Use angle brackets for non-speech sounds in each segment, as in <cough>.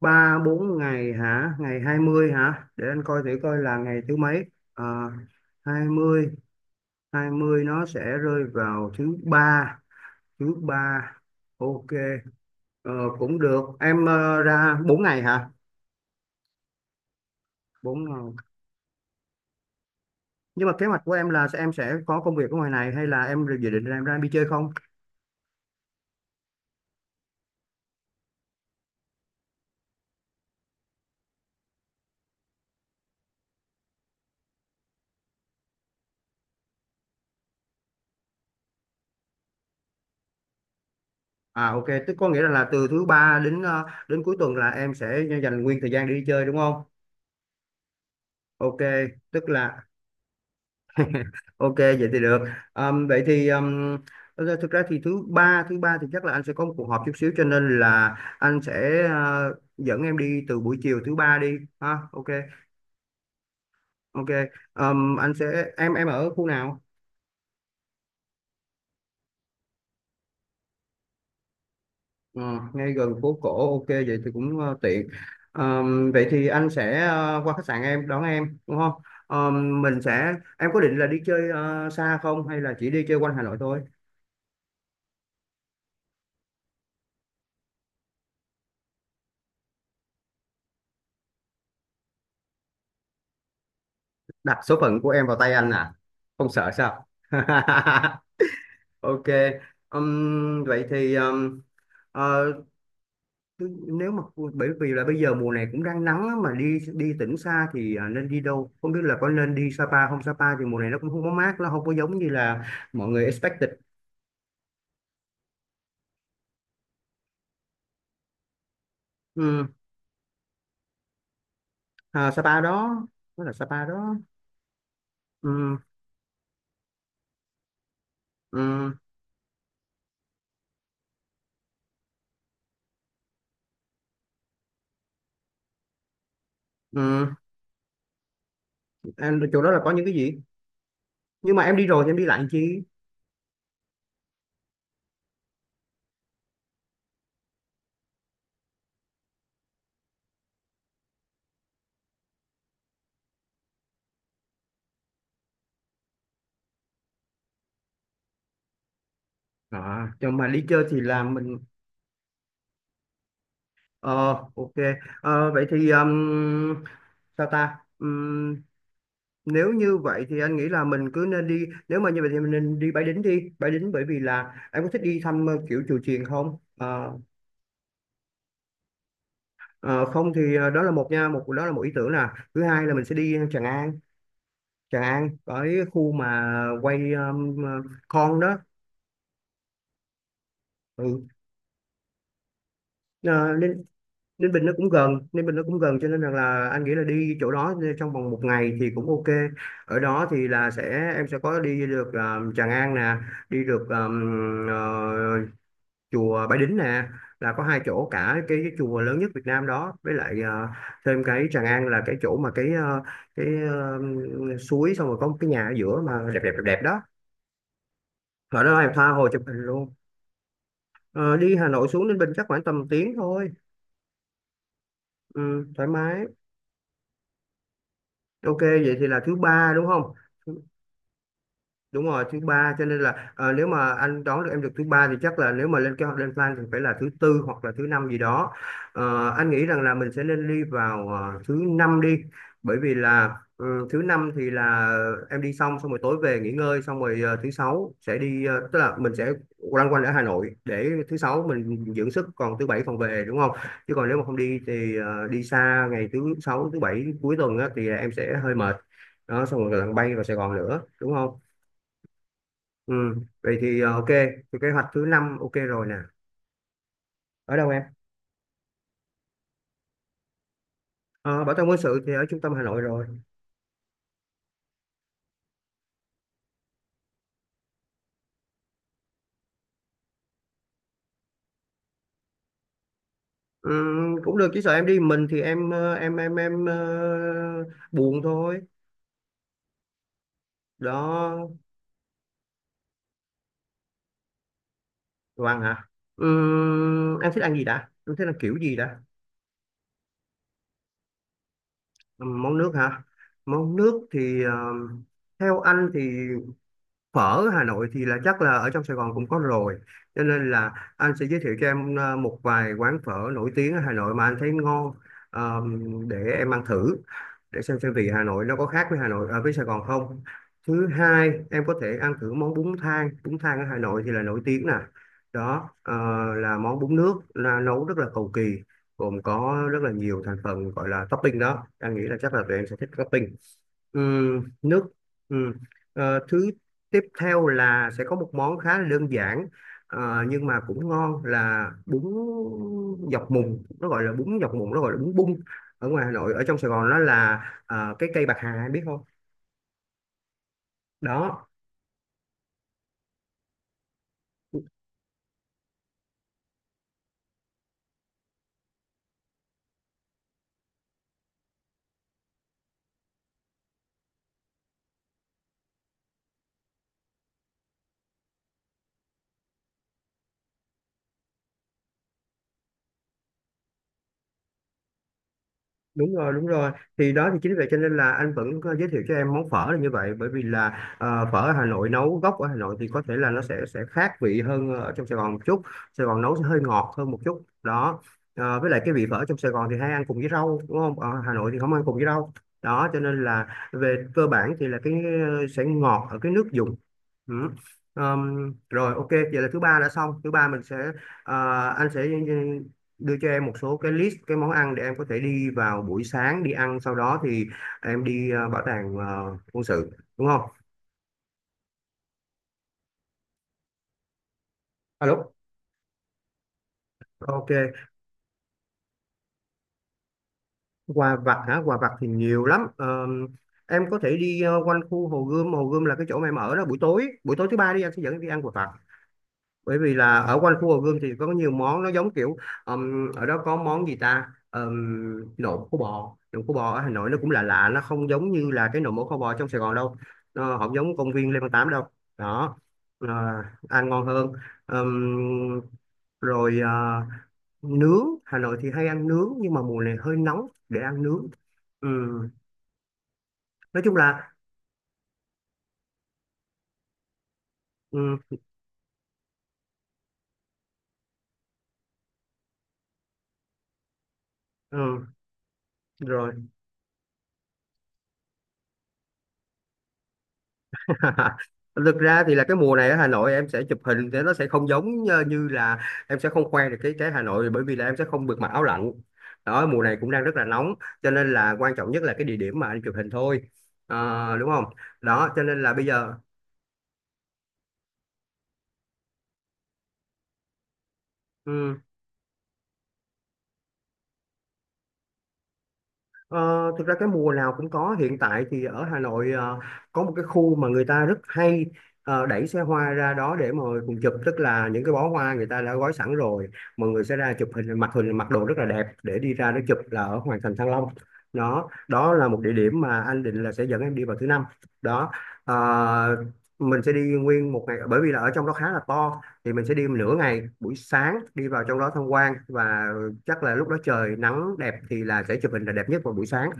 Ba bốn ngày hả? Ngày 20 hả? Để anh coi thử coi là ngày thứ mấy. à, Hai mươi, hai mươi nó sẽ rơi vào thứ ba. Thứ ba, ok. ờ, Cũng được. Em ra 4 ngày hả? Bốn ngày. Nhưng mà kế hoạch của em là em sẽ có công việc ở ngoài này, hay là em dự định là em ra em đi chơi không? À, ok, tức có nghĩa là từ thứ ba đến đến cuối tuần là em sẽ dành nguyên thời gian để đi chơi đúng không? Ok, tức là ok vậy thì được. Vậy thì thực ra thì thứ ba, thứ ba thì chắc là anh sẽ có một cuộc họp chút xíu, cho nên là anh sẽ dẫn em đi từ buổi chiều thứ ba đi ha. Ok. Ok. Anh sẽ em ở khu nào? Ừ, ngay gần phố cổ, ok vậy thì cũng tiện. Vậy thì anh sẽ qua khách sạn em đón em đúng không? Mình sẽ Em có định là đi chơi xa không, hay là chỉ đi chơi quanh Hà Nội thôi? Đặt số phận của em vào tay anh à? Không sợ sao? <laughs> Ok. Vậy thì ờ, nếu mà bởi vì là bây giờ mùa này cũng đang nắng á, mà đi đi tỉnh xa thì nên đi đâu? Không biết là có nên đi Sapa không? Sapa thì mùa này nó cũng không có mát, nó không có giống như là mọi người expected. Um, Sapa đó, đó là Sapa đó. Um. Um. Um. Em chỗ đó là có những cái gì? Nhưng mà em đi rồi thì em đi lại làm chi? À, cho mà đi chơi thì là mình, ờ, ok. Vậy thì sao ta? Nếu như vậy thì anh nghĩ là mình cứ nên đi, nếu mà như vậy thì mình nên đi Bái Đính. Đi Bái Đính bởi vì là em có thích đi thăm kiểu chùa chiền không? Ờ, ờ, Không thì đó là một ý tưởng nè. Thứ hai là mình sẽ đi Tràng An. Tràng An ở cái khu mà quay con đó. Ừ. Ờ, Ninh, Ninh Bình nó cũng gần, Ninh Bình nó cũng gần, cho nên rằng là anh nghĩ là đi chỗ đó trong vòng một ngày thì cũng ok. Ở đó thì là em sẽ có đi được Tràng An nè, đi được chùa Bái Đính nè. Là có hai chỗ, cả cái chùa lớn nhất Việt Nam đó, với lại thêm cái Tràng An là cái chỗ mà cái suối, xong rồi có một cái nhà ở giữa mà đẹp đẹp đẹp đẹp đó. Ở đó em tha hồ chụp hình luôn. Ờ, Đi Hà Nội xuống Ninh Bình chắc khoảng tầm tiếng thôi. Ừ, thoải mái. Ok, vậy thì là thứ ba đúng không? Đúng rồi, thứ ba cho nên là nếu mà anh đón được em được thứ ba thì chắc là nếu mà lên kế hoạch lên plan thì phải là thứ tư hoặc là thứ năm gì đó. Anh nghĩ rằng là mình sẽ nên đi vào thứ năm đi, bởi vì là thứ năm thì là em đi xong, xong rồi tối về nghỉ ngơi, xong rồi thứ sáu sẽ đi, tức là mình sẽ loanh quanh ở Hà Nội để thứ sáu mình dưỡng sức, còn thứ bảy còn về đúng không? Chứ còn nếu mà không đi thì đi xa ngày thứ sáu thứ bảy cuối tuần á, thì em sẽ hơi mệt. Đó, xong rồi lần bay vào Sài Gòn nữa đúng không? Ừ, vậy thì ok, thì kế hoạch thứ năm ok rồi nè. Ở đâu em? Ờ, Bảo tàng quân sự thì ở trung tâm Hà Nội rồi. Ừ, cũng được, chỉ sợ em đi mình thì em buồn thôi. Đó, đồ ăn hả? Ừ, em thích ăn gì đã? Em thích ăn kiểu gì đã? Ừ, món nước hả? Món nước thì theo anh thì phở Hà Nội thì là chắc là ở trong Sài Gòn cũng có rồi, cho nên là anh sẽ giới thiệu cho em một vài quán phở nổi tiếng ở Hà Nội mà anh thấy ngon. Để em ăn thử, để xem vị Hà Nội nó có khác với Hà Nội ở với Sài Gòn không. Thứ hai, em có thể ăn thử món bún thang. Bún thang ở Hà Nội thì là nổi tiếng nè. Đó là món bún nước, là nấu rất là cầu kỳ, gồm có rất là nhiều thành phần gọi là topping. Đó anh nghĩ là chắc là tụi em sẽ thích topping. Nước. Ừm. Thứ tiếp theo là sẽ có một món khá là đơn giản, nhưng mà cũng ngon, là bún dọc mùng. Nó gọi là bún dọc mùng, nó gọi là bún bung. Ở ngoài Hà Nội, ở trong Sài Gòn nó là cái cây bạc hà biết không. Đó, đúng rồi, đúng rồi. Thì đó thì chính vì vậy cho nên là anh vẫn có giới thiệu cho em món phở là như vậy, bởi vì là phở ở Hà Nội, nấu gốc ở Hà Nội, thì có thể là nó sẽ khác vị hơn ở trong Sài Gòn một chút. Sài Gòn nấu sẽ hơi ngọt hơn một chút đó. Với lại cái vị phở trong Sài Gòn thì hay ăn cùng với rau đúng không? Ở Hà Nội thì không ăn cùng với rau. Đó cho nên là về cơ bản thì là cái sẽ ngọt ở cái nước dùng. Ừ. Rồi, ok vậy là thứ ba đã xong. Thứ ba mình sẽ ờ, anh sẽ đưa cho em một số cái list cái món ăn để em có thể đi vào buổi sáng đi ăn, sau đó thì em đi bảo tàng quân sự đúng không? Alo. Ok, quà vặt hả? Quà vặt thì nhiều lắm. Em có thể đi quanh khu Hồ Gươm. Hồ Gươm là cái chỗ mà em ở đó. Buổi tối, buổi tối thứ ba đi, anh sẽ dẫn em đi ăn quà vặt, bởi vì là ở quanh khu Hồ Gươm thì có nhiều món nó giống kiểu ở đó có món gì ta? Nộm khô bò. Nộm khô bò ở Hà Nội nó cũng lạ lạ, nó không giống như là cái nộm mổ kho bò trong Sài Gòn đâu. Nó không giống công viên Lê Văn Tám đâu. Đó. Ờ, Ăn ngon hơn. Ừm. Rồi nướng Hà Nội thì hay ăn nướng, nhưng mà mùa này hơi nóng để ăn nướng. Ừm, nói chung là ừm, ừm, rồi. <laughs> Thực ra thì là cái mùa này ở Hà Nội em sẽ chụp hình thì nó sẽ không giống như như là em sẽ không khoe được cái Hà Nội, bởi vì là em sẽ không được mặc áo lạnh. Đó, mùa này cũng đang rất là nóng, cho nên là quan trọng nhất là cái địa điểm mà anh chụp hình thôi. Đúng không? Đó cho nên là bây giờ. ừ, Ờ, Thực ra cái mùa nào cũng có, hiện tại thì ở Hà Nội có một cái khu mà người ta rất hay đẩy xe hoa ra đó để mà cùng chụp, tức là những cái bó hoa người ta đã gói sẵn rồi. Mọi người sẽ ra chụp hình, mặc đồ rất là đẹp, để đi ra đó chụp là ở Hoàng thành Thăng Long. Đó, đó là một địa điểm mà anh định là sẽ dẫn em đi vào thứ năm đó. Ờ, mình sẽ đi nguyên một ngày, bởi vì là ở trong đó khá là to, thì mình sẽ đi nửa ngày buổi sáng, đi vào trong đó tham quan, và chắc là lúc đó trời nắng đẹp thì là sẽ chụp hình là đẹp nhất vào buổi sáng.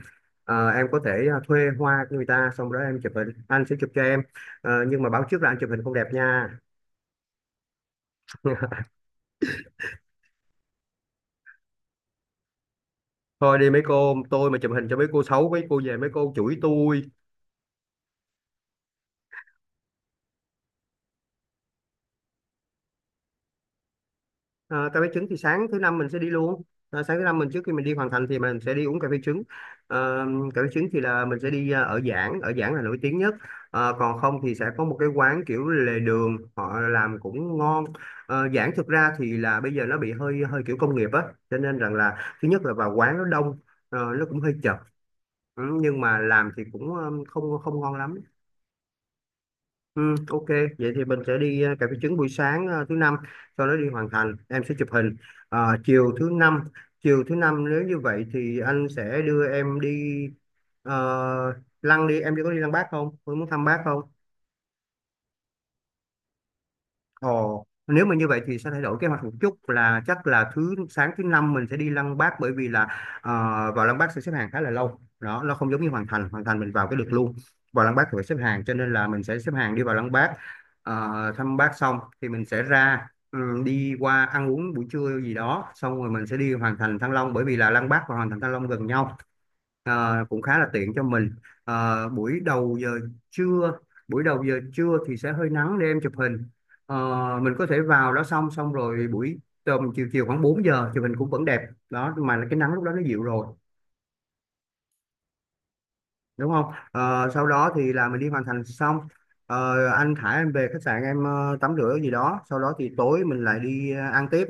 Em có thể thuê hoa người ta, xong đó em chụp hình, anh sẽ chụp cho em. Nhưng mà báo trước là anh chụp hình không đẹp nha. <laughs> Thôi đi mấy cô, tôi mà chụp hình cho mấy cô xấu, mấy cô về mấy cô chửi tôi. Ờ, Cà phê trứng thì sáng thứ năm mình sẽ đi luôn. Sáng thứ năm mình, trước khi mình đi hoàn thành thì mình sẽ đi uống cà phê trứng. Ờ, Cà phê trứng thì là mình sẽ đi ở Giảng. Ở Giảng là nổi tiếng nhất. Còn không thì sẽ có một cái quán kiểu lề đường họ làm cũng ngon. Giảng thực ra thì là bây giờ nó bị hơi hơi kiểu công nghiệp á, cho nên rằng là thứ nhất là vào quán nó đông, nó cũng hơi chật. Ừ, nhưng mà làm thì cũng không không ngon lắm. Ừ, ok, vậy thì mình sẽ đi cà phê trứng buổi sáng thứ năm, sau đó đi hoàn thành, em sẽ chụp hình. Ờ, chiều thứ năm nếu như vậy thì anh sẽ đưa em đi ờ, lăng đi, em đi có đi lăng Bác không? Em muốn thăm Bác không? Ồ, nếu mà như vậy thì sẽ thay đổi kế hoạch một chút là chắc là thứ sáng thứ năm mình sẽ đi Lăng Bác, bởi vì là ờ, vào Lăng Bác sẽ xếp hàng khá là lâu đó, nó không giống như Hoàng Thành. Hoàng Thành mình vào cái được luôn, vào Lăng Bác thì phải xếp hàng, cho nên là mình sẽ xếp hàng đi vào Lăng Bác. Ờ, thăm Bác xong thì mình sẽ ra, ừ, đi qua ăn uống buổi trưa gì đó, xong rồi mình sẽ đi Hoàng Thành Thăng Long, bởi vì là Lăng Bác và Hoàng Thành Thăng Long gần nhau. Ờ, cũng khá là tiện cho mình. Ờ, buổi đầu giờ trưa Buổi đầu giờ trưa thì sẽ hơi nắng để em chụp hình. Ờ, mình có thể vào đó, xong xong rồi buổi tầm chiều chiều khoảng 4 giờ chụp hình cũng vẫn đẹp đó, mà cái nắng lúc đó nó dịu rồi, đúng không? Ờ, sau đó thì là mình đi hoàn thành xong. Ờ, anh thả em về khách sạn, em tắm rửa gì đó, sau đó thì tối mình lại đi ăn tiếp.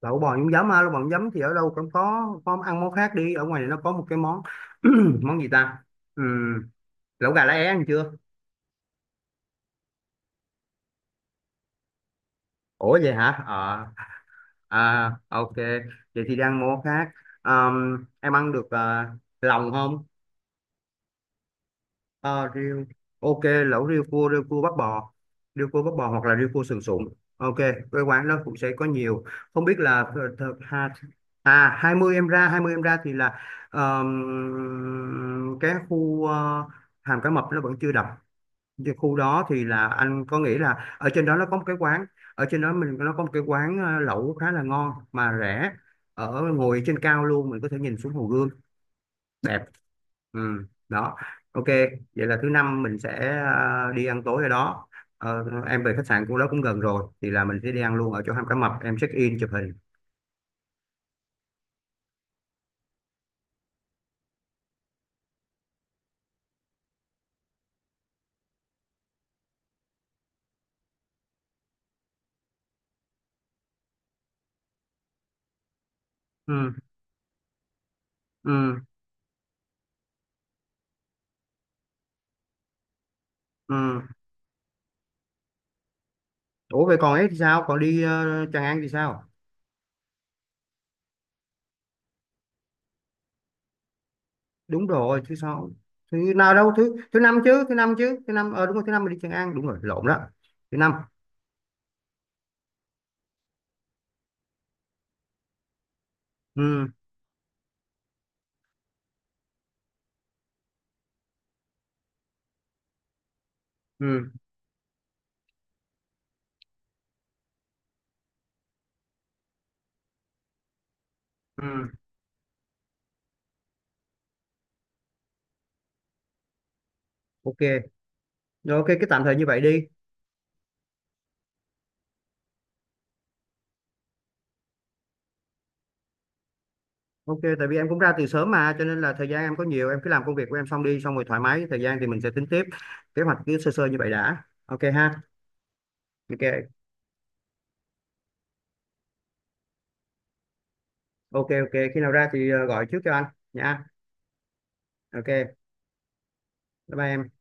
Lẩu bò nhúng giấm á, lẩu bò nhúng giấm thì ở đâu cũng có ăn món khác đi, ở ngoài này nó có một cái món, <clears throat> món gì ta. Ừ, lẩu gà lá é ăn chưa? Ủa vậy hả? Ờ À, ok, vậy thì đang món khác. Em ăn được lòng không? Ờ Riêu. Ok, lẩu riêu cua, riêu cua bắp bò, riêu cua bắp bò hoặc là riêu cua sườn sụn. Ok, cái quán đó cũng sẽ có nhiều. Không biết là ha, à, 20 em ra, 20 em ra thì là ờm, cái khu hàm cá mập nó vẫn chưa đập. Cái khu đó thì là anh có nghĩ là ở trên đó nó có một cái quán, ở trên đó mình nó có một cái quán lẩu khá là ngon mà rẻ, ở ngồi trên cao luôn, mình có thể nhìn xuống Hồ Gươm đẹp. Ừ, đó. Ok, vậy là thứ năm mình sẽ đi ăn tối ở đó. Ờ, em về khách sạn của đó cũng gần rồi thì là mình sẽ đi ăn luôn ở chỗ Hàm Cá Mập, em check in chụp hình. Ừ. Ừ. Ừ. Ủa vậy còn ấy thì sao, còn đi Tràng An thì sao? Đúng rồi, thứ sáu. Thứ nào đâu, thứ thứ năm chứ, thứ năm chứ, thứ năm, đúng rồi, thứ năm mình đi Tràng An, đúng rồi, lộn đó. Thứ năm. Ừ. Ừ. Ừ. Ok. Rồi, ok, cái tạm thời như vậy đi. Ok, tại vì em cũng ra từ sớm mà, cho nên là thời gian em có nhiều, em cứ làm công việc của em xong đi, xong rồi thoải mái thời gian thì mình sẽ tính tiếp. Kế hoạch cứ sơ sơ như vậy đã, ok ha. Ok. Ok, ok khi nào ra thì gọi trước cho anh nha. Ok, bye bye em.